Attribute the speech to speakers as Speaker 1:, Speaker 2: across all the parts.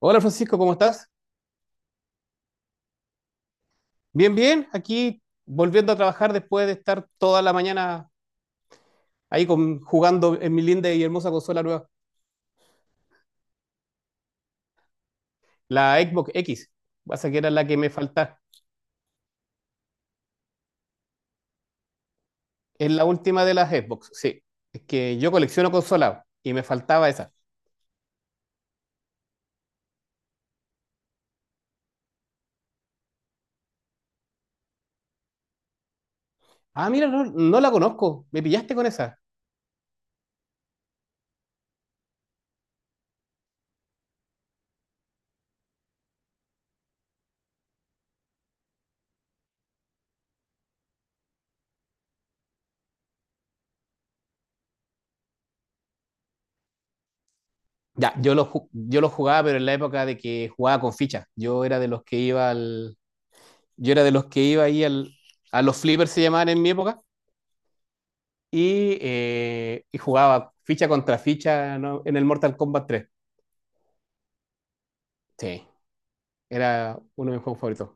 Speaker 1: Hola Francisco, ¿cómo estás? Bien, bien, aquí volviendo a trabajar después de estar toda la mañana ahí jugando en mi linda y hermosa consola nueva, la Xbox X. Pasa que era la que me faltaba, es la última de las Xbox, sí, es que yo colecciono consolas y me faltaba esa. Ah, mira, no, no la conozco, me pillaste con esa. Ya, yo lo jugaba, pero en la época de que jugaba con fichas, yo era de los que iba ahí a los flippers se llamaban en mi época. Y, y jugaba ficha contra ficha, ¿no? En el Mortal Kombat tres. Sí, era uno de mis juegos favoritos.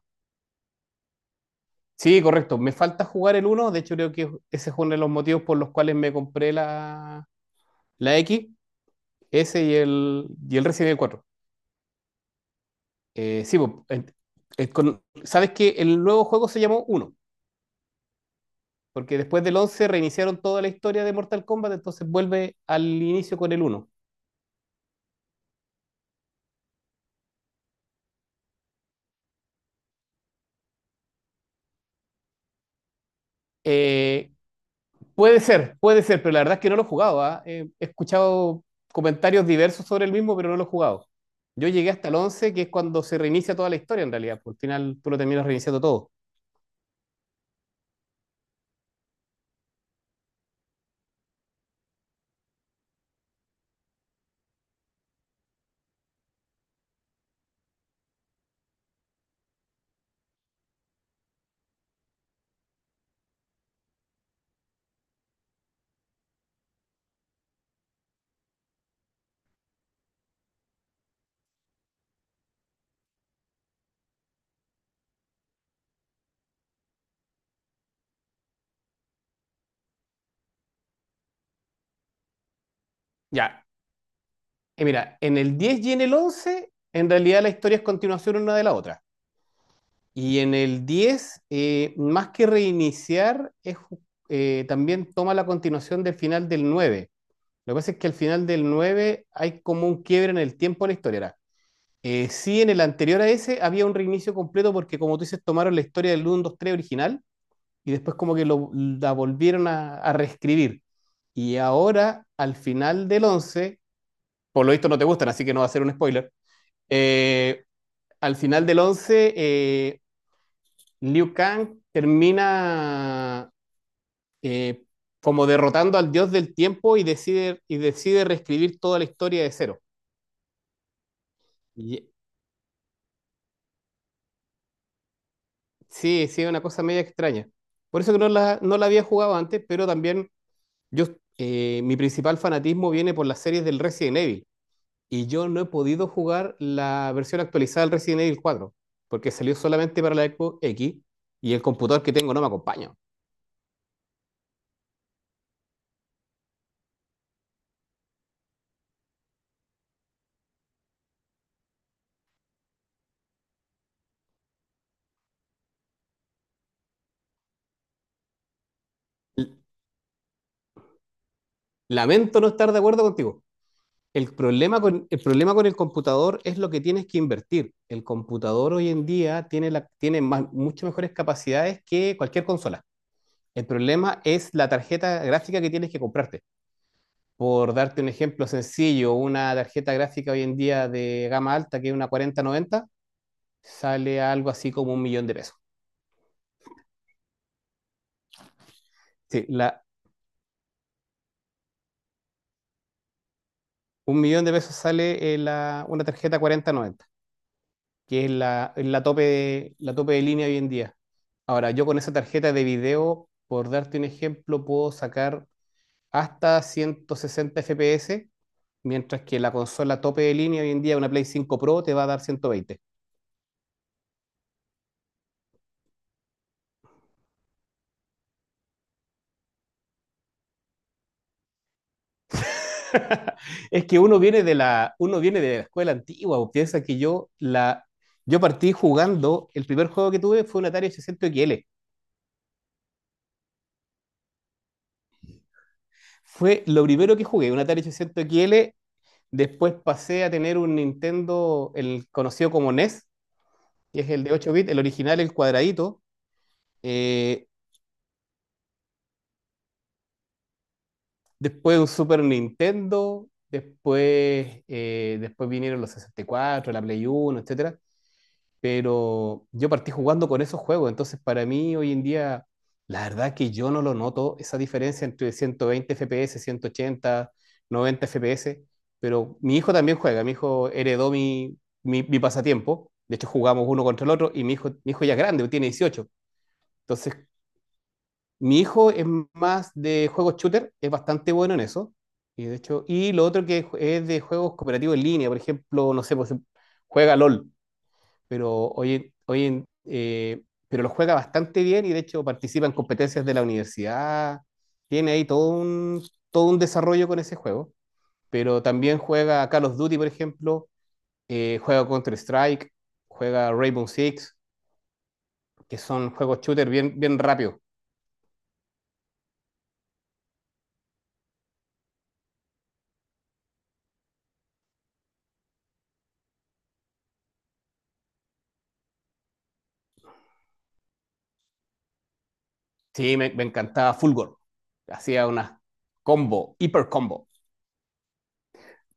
Speaker 1: Sí, correcto. Me falta jugar el uno. De hecho, creo que ese es uno de los motivos por los cuales me compré la X, ese y el Resident Evil 4. Sí, pues, sabes que el nuevo juego se llamó uno porque después del 11 reiniciaron toda la historia de Mortal Kombat, entonces vuelve al inicio con el uno. Eh, puede ser, pero la verdad es que no lo he jugado, ¿ah? He escuchado comentarios diversos sobre el mismo, pero no lo he jugado. Yo llegué hasta el 11, que es cuando se reinicia toda la historia en realidad, porque al final tú lo terminas reiniciando todo. Ya, mira, en el 10 y en el 11, en realidad la historia es continuación una de la otra. Y en el 10, más que reiniciar, es, también toma la continuación del final del 9. Lo que pasa es que al final del 9 hay como un quiebre en el tiempo de la historia, ¿verdad? Sí, en el anterior a ese había un reinicio completo porque, como tú dices, tomaron la historia del uno 2 3 original y después como que la volvieron a reescribir. Y ahora, al final del 11, por lo visto no te gustan, así que no va a ser un spoiler. eh, al final del 11, Liu Kang termina, eh, como derrotando al dios del tiempo y decide, reescribir toda la historia de cero. Y Sí, sí, es una cosa media extraña. Por eso que no la había jugado antes, pero también yo, mi principal fanatismo viene por las series del Resident Evil. Y yo no he podido jugar la versión actualizada del Resident Evil cuatro porque salió solamente para la Xbox X y el computador que tengo no me acompaña. L- Lamento no estar de acuerdo contigo. El problema con el computador es lo que tienes que invertir. El computador hoy en día tiene mucho mejores capacidades que cualquier consola. El problema es la tarjeta gráfica que tienes que comprarte. Por darte un ejemplo sencillo, una tarjeta gráfica hoy en día de gama alta, que es una 4090, sale a algo así como un millón de pesos. Sí, un millón de pesos sale, una tarjeta 4090, que es la tope de línea hoy en día. Ahora, yo con esa tarjeta de video, por darte un ejemplo, puedo sacar hasta 160 FPS, mientras que la consola tope de línea hoy en día, una Play 5 Pro, te va a dar 120. Es que uno viene de la escuela antigua, o piensa que yo partí jugando. El primer juego que tuve fue un Atari 800 XL. Fue lo primero que jugué, un Atari 800 XL. Después pasé a tener un Nintendo, el conocido como NES, que es el de 8 bits, el original, el cuadradito. Eh, después un Super Nintendo, después vinieron los 64, la Play Uno, etcétera. Pero yo partí jugando con esos juegos, entonces para mí hoy en día, la verdad que yo no lo noto, esa diferencia entre 120 FPS, 180, 90 FPS. Pero mi hijo también juega, mi hijo heredó mi pasatiempo, de hecho jugamos uno contra el otro. Y mi hijo ya es grande, tiene 18, entonces mi hijo es más de juegos shooter, es bastante bueno en eso. Y de hecho, y lo otro que es de juegos cooperativos en línea, por ejemplo, no sé, pues juega LOL, pero hoy, en- hoy en- eh, pero lo juega bastante bien y de hecho participa en competencias de la universidad. Tiene ahí todo un desarrollo con ese juego. Pero también juega Call of Duty, por ejemplo, juega Counter-Strike, juega Rainbow Six, que son juegos shooter bien, bien rápidos. Sí, me encantaba Fulgor. Hacía una combo, hiper combo.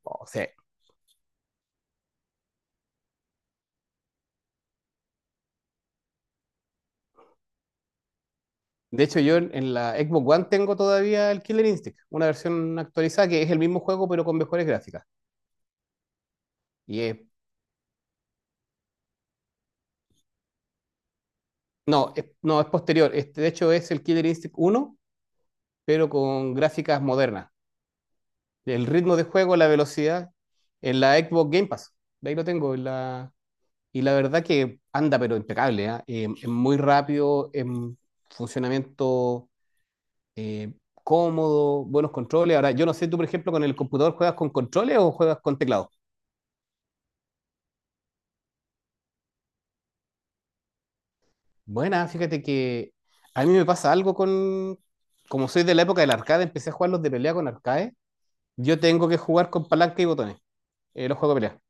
Speaker 1: O sea, de hecho, yo en la Xbox One tengo todavía el Killer Instinct, una versión actualizada que es el mismo juego pero con mejores gráficas. Y es- no, es posterior. Este, de hecho, es el Killer Instinct uno pero con gráficas modernas. El ritmo de juego, la velocidad, en la Xbox Game Pass. De ahí lo tengo. Y la verdad que anda, pero impecable, ¿ah? Es muy rápido en funcionamiento, cómodo, buenos controles. Ahora, yo no sé, tú, por ejemplo, con el computador, ¿juegas con controles o juegas con teclado? Buena, fíjate que a mí me pasa algo con. Como soy de la época del arcade, empecé a jugar los de pelea con arcade. Yo tengo que jugar con palanca y botones, los juegos de pelea.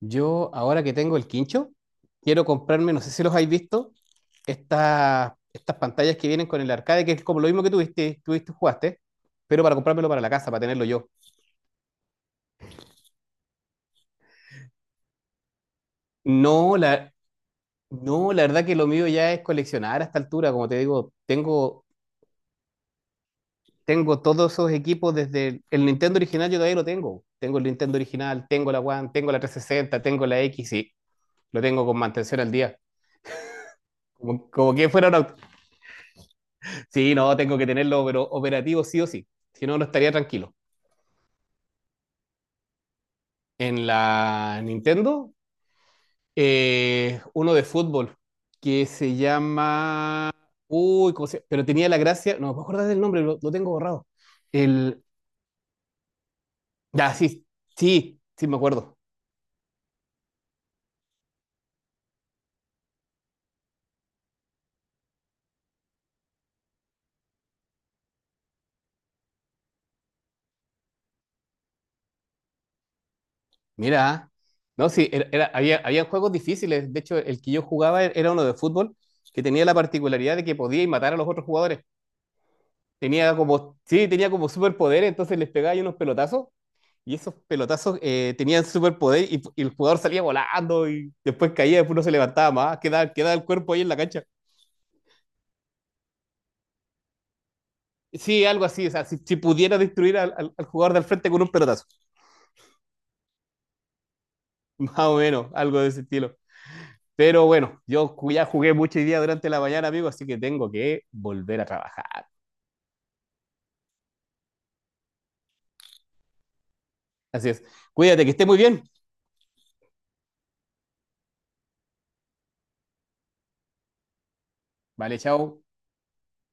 Speaker 1: Yo, ahora que tengo el quincho, quiero comprarme, no sé si los habéis visto, estas pantallas que vienen con el arcade, que es como lo mismo que tuviste, jugaste, pero para comprármelo para la casa, para tenerlo yo. No, no, la verdad que lo mío ya es coleccionar. A esta altura, como te digo, tengo todos esos equipos desde el Nintendo original, yo todavía lo tengo. Tengo el Nintendo original, tengo la One, tengo la 360, tengo la X, y lo tengo con mantención al día. Como que fuera un, au-. Sí, no, tengo que tenerlo pero operativo sí o sí. Si no, no estaría tranquilo. En la Nintendo, uno de fútbol que se llama. Uy, pero tenía la gracia. No me acuerdo del nombre, lo tengo borrado. El. Ya, sí, sí, sí, me acuerdo. Mira, ¿ah? No, sí, había juegos difíciles. De hecho, el que yo jugaba era uno de fútbol que tenía la particularidad de que podía matar a los otros jugadores. Tenía como, sí, tenía como superpoder, entonces les pegaba ahí unos pelotazos. Y esos pelotazos, tenían superpoder y el jugador salía volando y después caía, después no se levantaba más, quedaba el cuerpo ahí en la cancha. Sí, algo así, o sea, si pudiera destruir al jugador del frente con un pelotazo, más o menos, algo de ese estilo. Pero bueno, ya jugué mucho hoy día durante la mañana, amigo, así que tengo que volver a trabajar. Así es. Cuídate, que esté muy bien. Vale, chao.